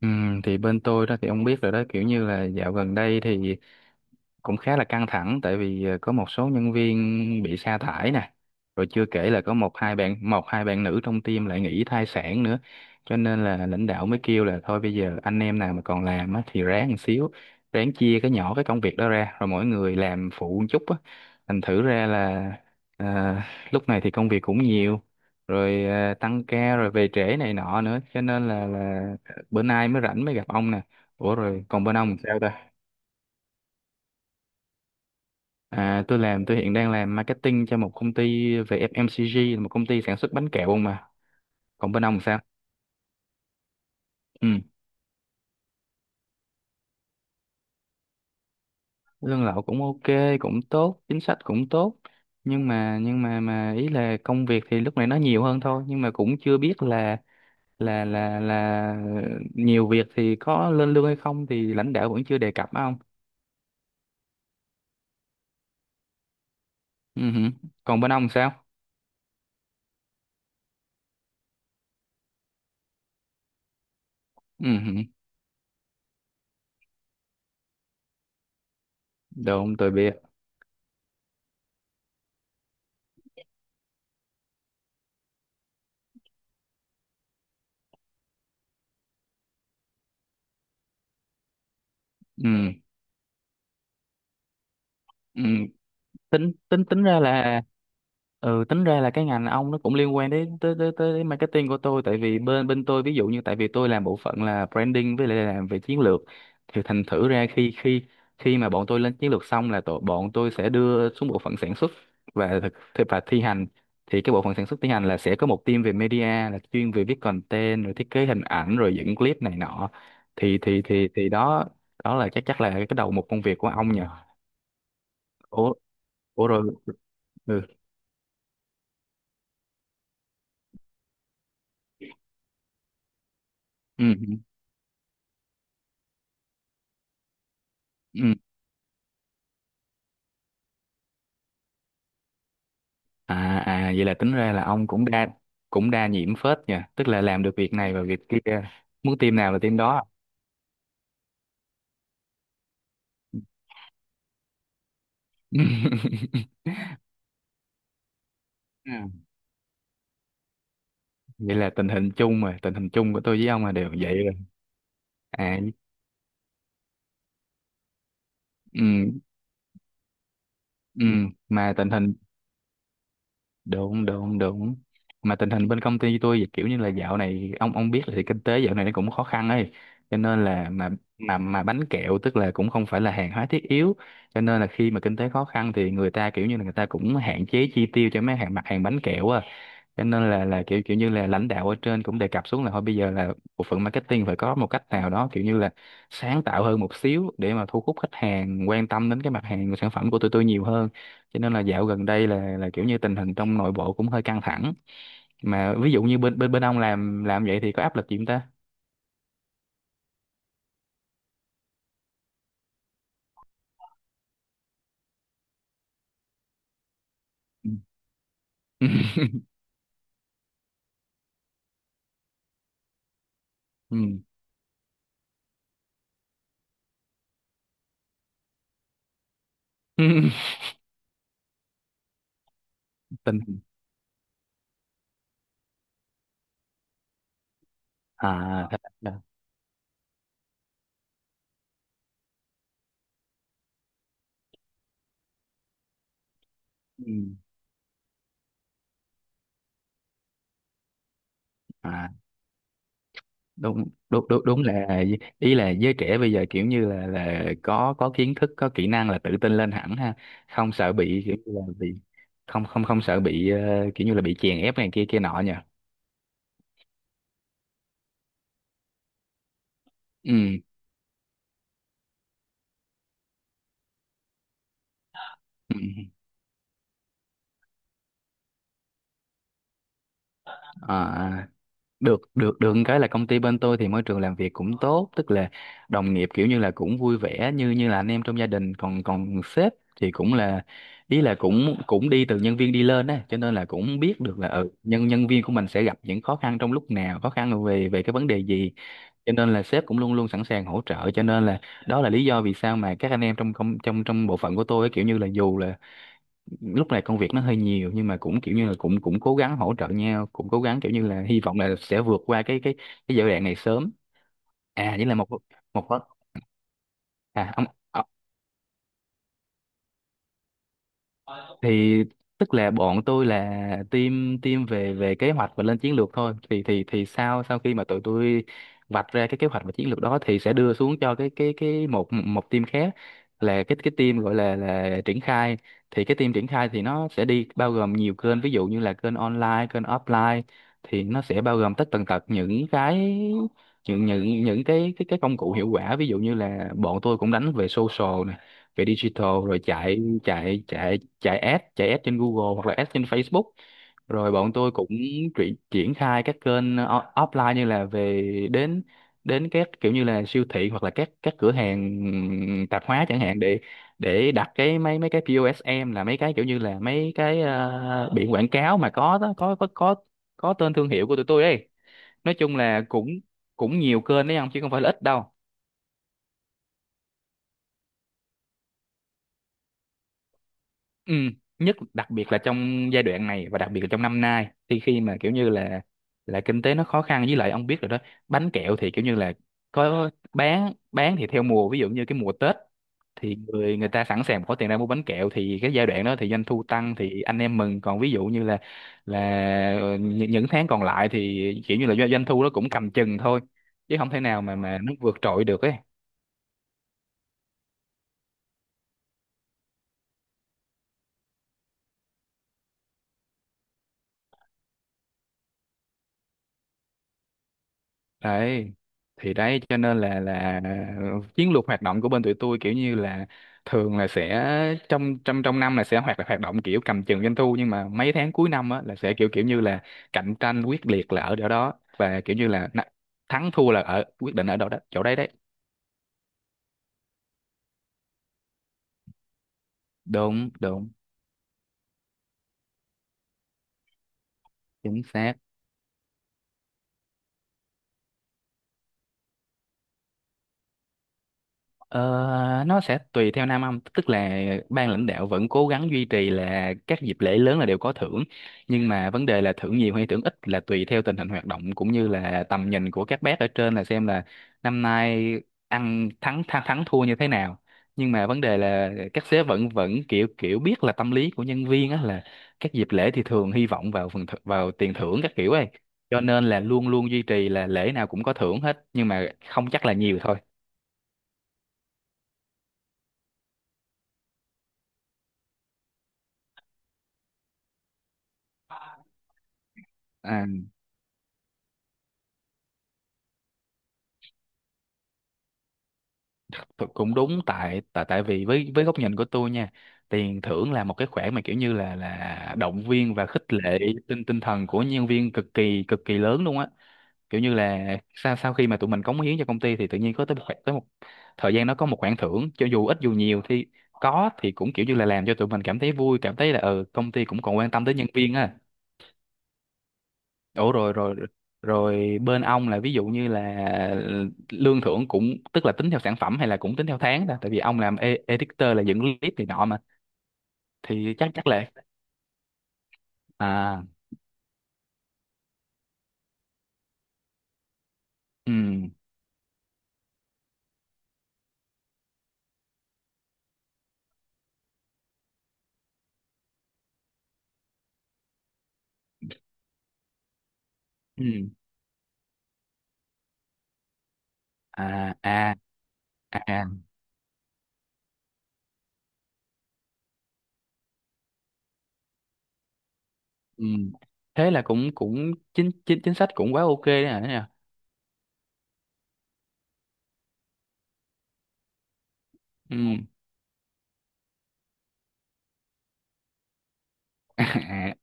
Ừ, thì bên tôi đó thì ông biết rồi đó, kiểu như là dạo gần đây thì cũng khá là căng thẳng tại vì có một số nhân viên bị sa thải nè, rồi chưa kể là có một hai bạn nữ trong team lại nghỉ thai sản nữa. Cho nên là lãnh đạo mới kêu là thôi bây giờ anh em nào mà còn làm á, thì ráng một xíu, ráng chia cái công việc đó ra rồi mỗi người làm phụ một chút á. Thành thử ra là, ờ, lúc này thì công việc cũng nhiều, rồi tăng ca rồi về trễ này nọ nữa, cho nên là bữa nay mới rảnh mới gặp ông nè. Ủa, rồi còn bên ông sao ta? À, tôi hiện đang làm marketing cho một công ty về FMCG, là một công ty sản xuất bánh kẹo không mà. Còn bên ông sao? Ừ. Lương lậu cũng ok, cũng tốt, chính sách cũng tốt. Nhưng mà ý là công việc thì lúc này nó nhiều hơn thôi, nhưng mà cũng chưa biết là nhiều việc thì có lên lương hay không thì lãnh đạo vẫn chưa đề cập á ông. Ừ hử. Còn bên ông sao? Ừ hử. Đúng, tôi biết. Ừ. Ừ. tính tính tính ra là. Ừ, tính ra là cái ngành ông nó cũng liên quan đến tới tới tới marketing của tôi, tại vì bên bên tôi, ví dụ như, tại vì tôi làm bộ phận là branding với lại làm về chiến lược, thì thành thử ra khi khi khi mà bọn tôi lên chiến lược xong là bọn tôi sẽ đưa xuống bộ phận sản xuất và và thi hành. Thì cái bộ phận sản xuất thi hành là sẽ có một team về media, là chuyên về viết content rồi thiết kế hình ảnh rồi dựng clip này nọ. Thì đó, là chắc chắc là cái một công việc của ông nhỉ. Ủa ủa rồi. Ừ. Ừ. Ừ. À, vậy là tính ra là ông cũng đa nhiễm phết nha, tức là làm được việc này và việc kia, muốn team nào là team đó. Ừ. Vậy là tình hình chung mà, tình hình chung của tôi với ông là đều vậy rồi. À. Ừ, ừ, mà tình hình đúng đúng đúng, mà tình hình bên công ty tôi kiểu như là dạo này ông biết là thì kinh tế dạo này nó cũng khó khăn ấy, cho nên là mà bánh kẹo tức là cũng không phải là hàng hóa thiết yếu, cho nên là khi mà kinh tế khó khăn thì người ta kiểu như là người ta cũng hạn chế chi tiêu cho mấy hàng mặt hàng bánh kẹo á, cho nên là kiểu kiểu như là lãnh đạo ở trên cũng đề cập xuống là thôi bây giờ là bộ phận marketing phải có một cách nào đó, kiểu như là sáng tạo hơn một xíu để mà thu hút khách hàng quan tâm đến cái mặt hàng của sản phẩm của tụi tôi nhiều hơn, cho nên là dạo gần đây là kiểu như tình hình trong nội bộ cũng hơi căng thẳng. Mà ví dụ như bên bên bên ông làm vậy thì có áp lực gì không ta? Ừ. Ừ. Tình hình. à thế- là- ừ. À, đúng đúng đúng đúng là, ý là giới trẻ bây giờ kiểu như là có kiến thức, có kỹ năng là tự tin lên hẳn ha, không sợ bị kiểu như là bị, không không không sợ bị kiểu như là bị chèn ép này kia kia nọ nhỉ. Ừ. Ừ. Ừ. À. À. được được được một cái là công ty bên tôi thì môi trường làm việc cũng tốt, tức là đồng nghiệp kiểu như là cũng vui vẻ như như là anh em trong gia đình, còn còn sếp thì cũng là, ý là cũng cũng đi từ nhân viên đi lên á, cho nên là cũng biết được là ừ, nhân nhân viên của mình sẽ gặp những khó khăn trong lúc nào, khó khăn về về cái vấn đề gì, cho nên là sếp cũng luôn luôn sẵn sàng hỗ trợ, cho nên là đó là lý do vì sao mà các anh em trong công trong trong bộ phận của tôi á, kiểu như là dù là lúc này công việc nó hơi nhiều nhưng mà cũng kiểu như là cũng cũng cố gắng hỗ trợ nhau, cũng cố gắng kiểu như là hy vọng là sẽ vượt qua cái giai đoạn này sớm. À với là một một phần- à ông, thì tức là bọn tôi là team team về về kế hoạch và lên chiến lược thôi, thì sau sau khi mà tụi tôi vạch ra cái kế hoạch và chiến lược đó thì sẽ đưa xuống cho cái một một team khác, là cái team gọi là triển khai. Thì cái team triển khai thì nó sẽ đi bao gồm nhiều kênh, ví dụ như là kênh online, kênh offline, thì nó sẽ bao gồm tất tần tật những cái, những cái công cụ hiệu quả, ví dụ như là bọn tôi cũng đánh về social này, về digital, rồi chạy chạy chạy chạy ads trên Google hoặc là ads trên Facebook. Rồi bọn tôi cũng triển triển khai các kênh offline, như là đến đến các kiểu như là siêu thị hoặc là các cửa hàng tạp hóa chẳng hạn để đặt cái mấy mấy cái POSM, là mấy cái kiểu như là mấy cái biển quảng cáo mà có tên thương hiệu của tụi tôi ấy. Nói chung là cũng cũng nhiều kênh đấy, không, chứ không phải là ít đâu. Ừ, đặc biệt là trong giai đoạn này và đặc biệt là trong năm nay thì khi mà kiểu như là kinh tế nó khó khăn, với lại ông biết rồi đó, bánh kẹo thì kiểu như là có bán thì theo mùa, ví dụ như cái mùa Tết thì người người ta sẵn sàng có tiền ra mua bánh kẹo thì cái giai đoạn đó thì doanh thu tăng thì anh em mừng, còn ví dụ như là những tháng còn lại thì kiểu như là doanh doanh thu nó cũng cầm chừng thôi, chứ không thể nào mà nó vượt trội được ấy. Đấy, thì đấy cho nên là chiến lược hoạt động của bên tụi tôi kiểu như là thường là sẽ trong trong trong năm là sẽ hoạt hoạt động kiểu cầm chừng doanh thu, nhưng mà mấy tháng cuối năm á là sẽ kiểu kiểu như là cạnh tranh quyết liệt là ở chỗ đó và kiểu như là na-, thắng thua là ở quyết định ở đâu đó chỗ đấy đấy. Đúng, đúng, chính xác. Ờ, nó sẽ tùy theo Nam Âm, tức là ban lãnh đạo vẫn cố gắng duy trì là các dịp lễ lớn là đều có thưởng, nhưng mà vấn đề là thưởng nhiều hay thưởng ít là tùy theo tình hình hoạt động cũng như là tầm nhìn của các bác ở trên là xem là năm nay ăn thắng thắng, thắng thua như thế nào. Nhưng mà vấn đề là các sếp vẫn vẫn kiểu kiểu biết là tâm lý của nhân viên á, là các dịp lễ thì thường hy vọng vào vào tiền thưởng các kiểu ấy, cho nên là luôn luôn duy trì là lễ nào cũng có thưởng hết, nhưng mà không chắc là nhiều thôi. À. Cũng Cũng đúng, tại tại tại vì với góc nhìn của tôi nha, tiền thưởng là một cái khoản mà kiểu như là động viên và khích lệ tinh tinh thần của nhân viên cực kỳ lớn luôn á, kiểu như là sau sau khi mà tụi mình cống hiến cho công ty thì tự nhiên có tới tới một thời gian nó có một khoản thưởng cho dù ít dù nhiều, thì có thì cũng kiểu như là làm cho tụi mình cảm thấy vui, cảm thấy là ừ công ty cũng còn quan tâm tới nhân viên á. Ủa, rồi, rồi, bên ông là, ví dụ như là lương thưởng cũng, tức là tính theo sản phẩm hay là cũng tính theo tháng ta, tại vì ông làm editor là dựng clip này nọ mà, thì chắc chắc là. À. Ừ. Ừ. À. À. À. À. Ừ. Thế là cũng cũng chính chính chính sách cũng quá ok đấy hả nhỉ. Ừ. À.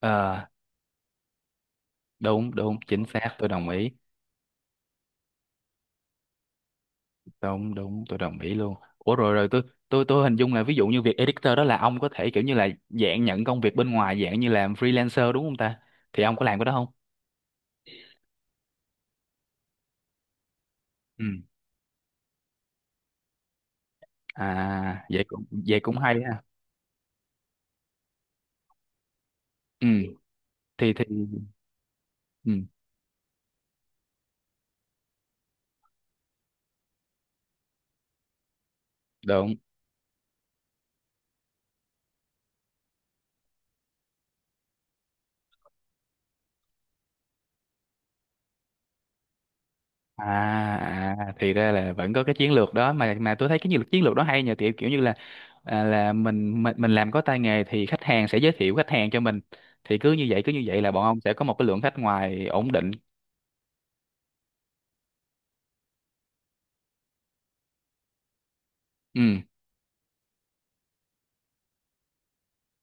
Ờ. Đúng, đúng, chính xác, tôi đồng ý. Đúng, đúng, tôi đồng ý luôn. Ủa, rồi, rồi, tôi hình dung là ví dụ như việc editor đó là ông có thể kiểu như là dạng nhận công việc bên ngoài, dạng như làm freelancer đúng không ta? Thì ông có làm cái đó không? Ừ. À, vậy cũng hay ha. Ừ. Thì. Ừ. Đúng. À, thì ra là vẫn có cái chiến lược đó, mà tôi thấy cái chiến lược đó hay nhờ, kiểu kiểu như là, à, là mình làm có tay nghề thì khách hàng sẽ giới thiệu khách hàng cho mình, thì cứ như vậy là bọn ông sẽ có một cái lượng khách ngoài ổn định. Ừ.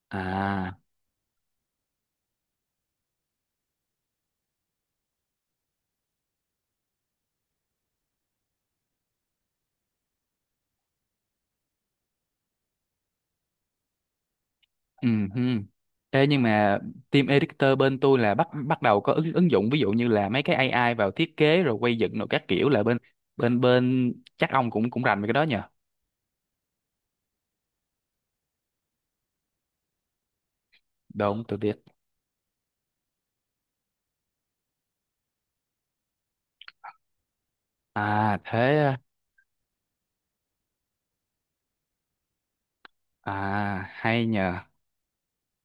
À. Ừ. Hừ. Ê, nhưng mà team editor bên tôi là bắt bắt đầu có ứng ứng dụng ví dụ như là mấy cái AI vào thiết kế rồi quay dựng rồi các kiểu, là bên bên bên chắc ông cũng cũng rành về cái đó nhờ. Đúng, tôi biết. À thế à. À hay nhờ.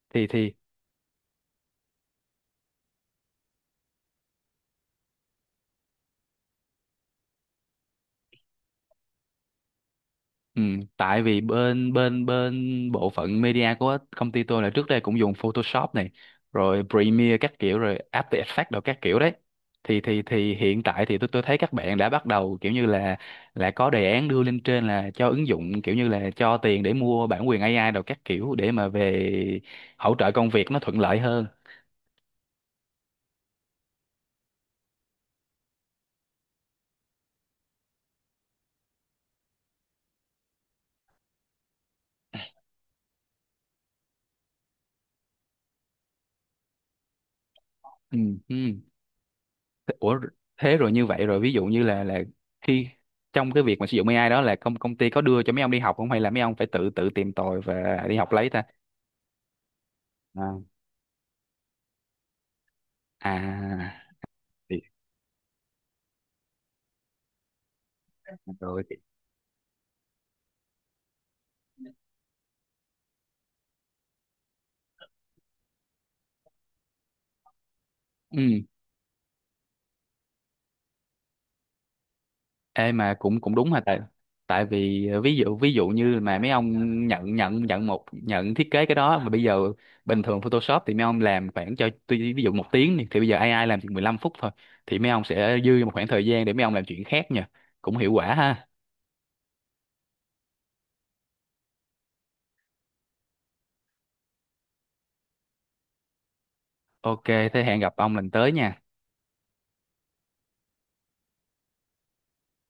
Thì thì. Ừ, tại vì bên bên bên bộ phận media của công ty tôi là trước đây cũng dùng Photoshop này, rồi Premiere các kiểu rồi After Effects đồ các kiểu đấy, thì hiện tại thì tôi thấy các bạn đã bắt đầu kiểu như là có đề án đưa lên trên là cho ứng dụng kiểu như là cho tiền để mua bản quyền AI đồ các kiểu để mà về hỗ trợ công việc nó thuận lợi hơn. Ừ, ừ. Thế. Ủa, thế rồi như vậy rồi ví dụ như là khi trong cái việc mà sử dụng AI đó là công công ty có đưa cho mấy ông đi học không, hay là mấy ông phải tự tự tìm tòi và đi học lấy ta? À. À. Thì. Rồi thì. Ừ. Ê, mà cũng cũng đúng hả, tại tại vì ví dụ như mà mấy ông nhận nhận nhận một nhận thiết kế cái đó mà bây giờ bình thường Photoshop thì mấy ông làm khoảng cho tuy ví dụ một tiếng đi, thì bây giờ AI làm chỉ 15 phút thôi, thì mấy ông sẽ dư một khoảng thời gian để mấy ông làm chuyện khác nha, cũng hiệu quả ha. Ok, thế hẹn gặp ông lần tới nha.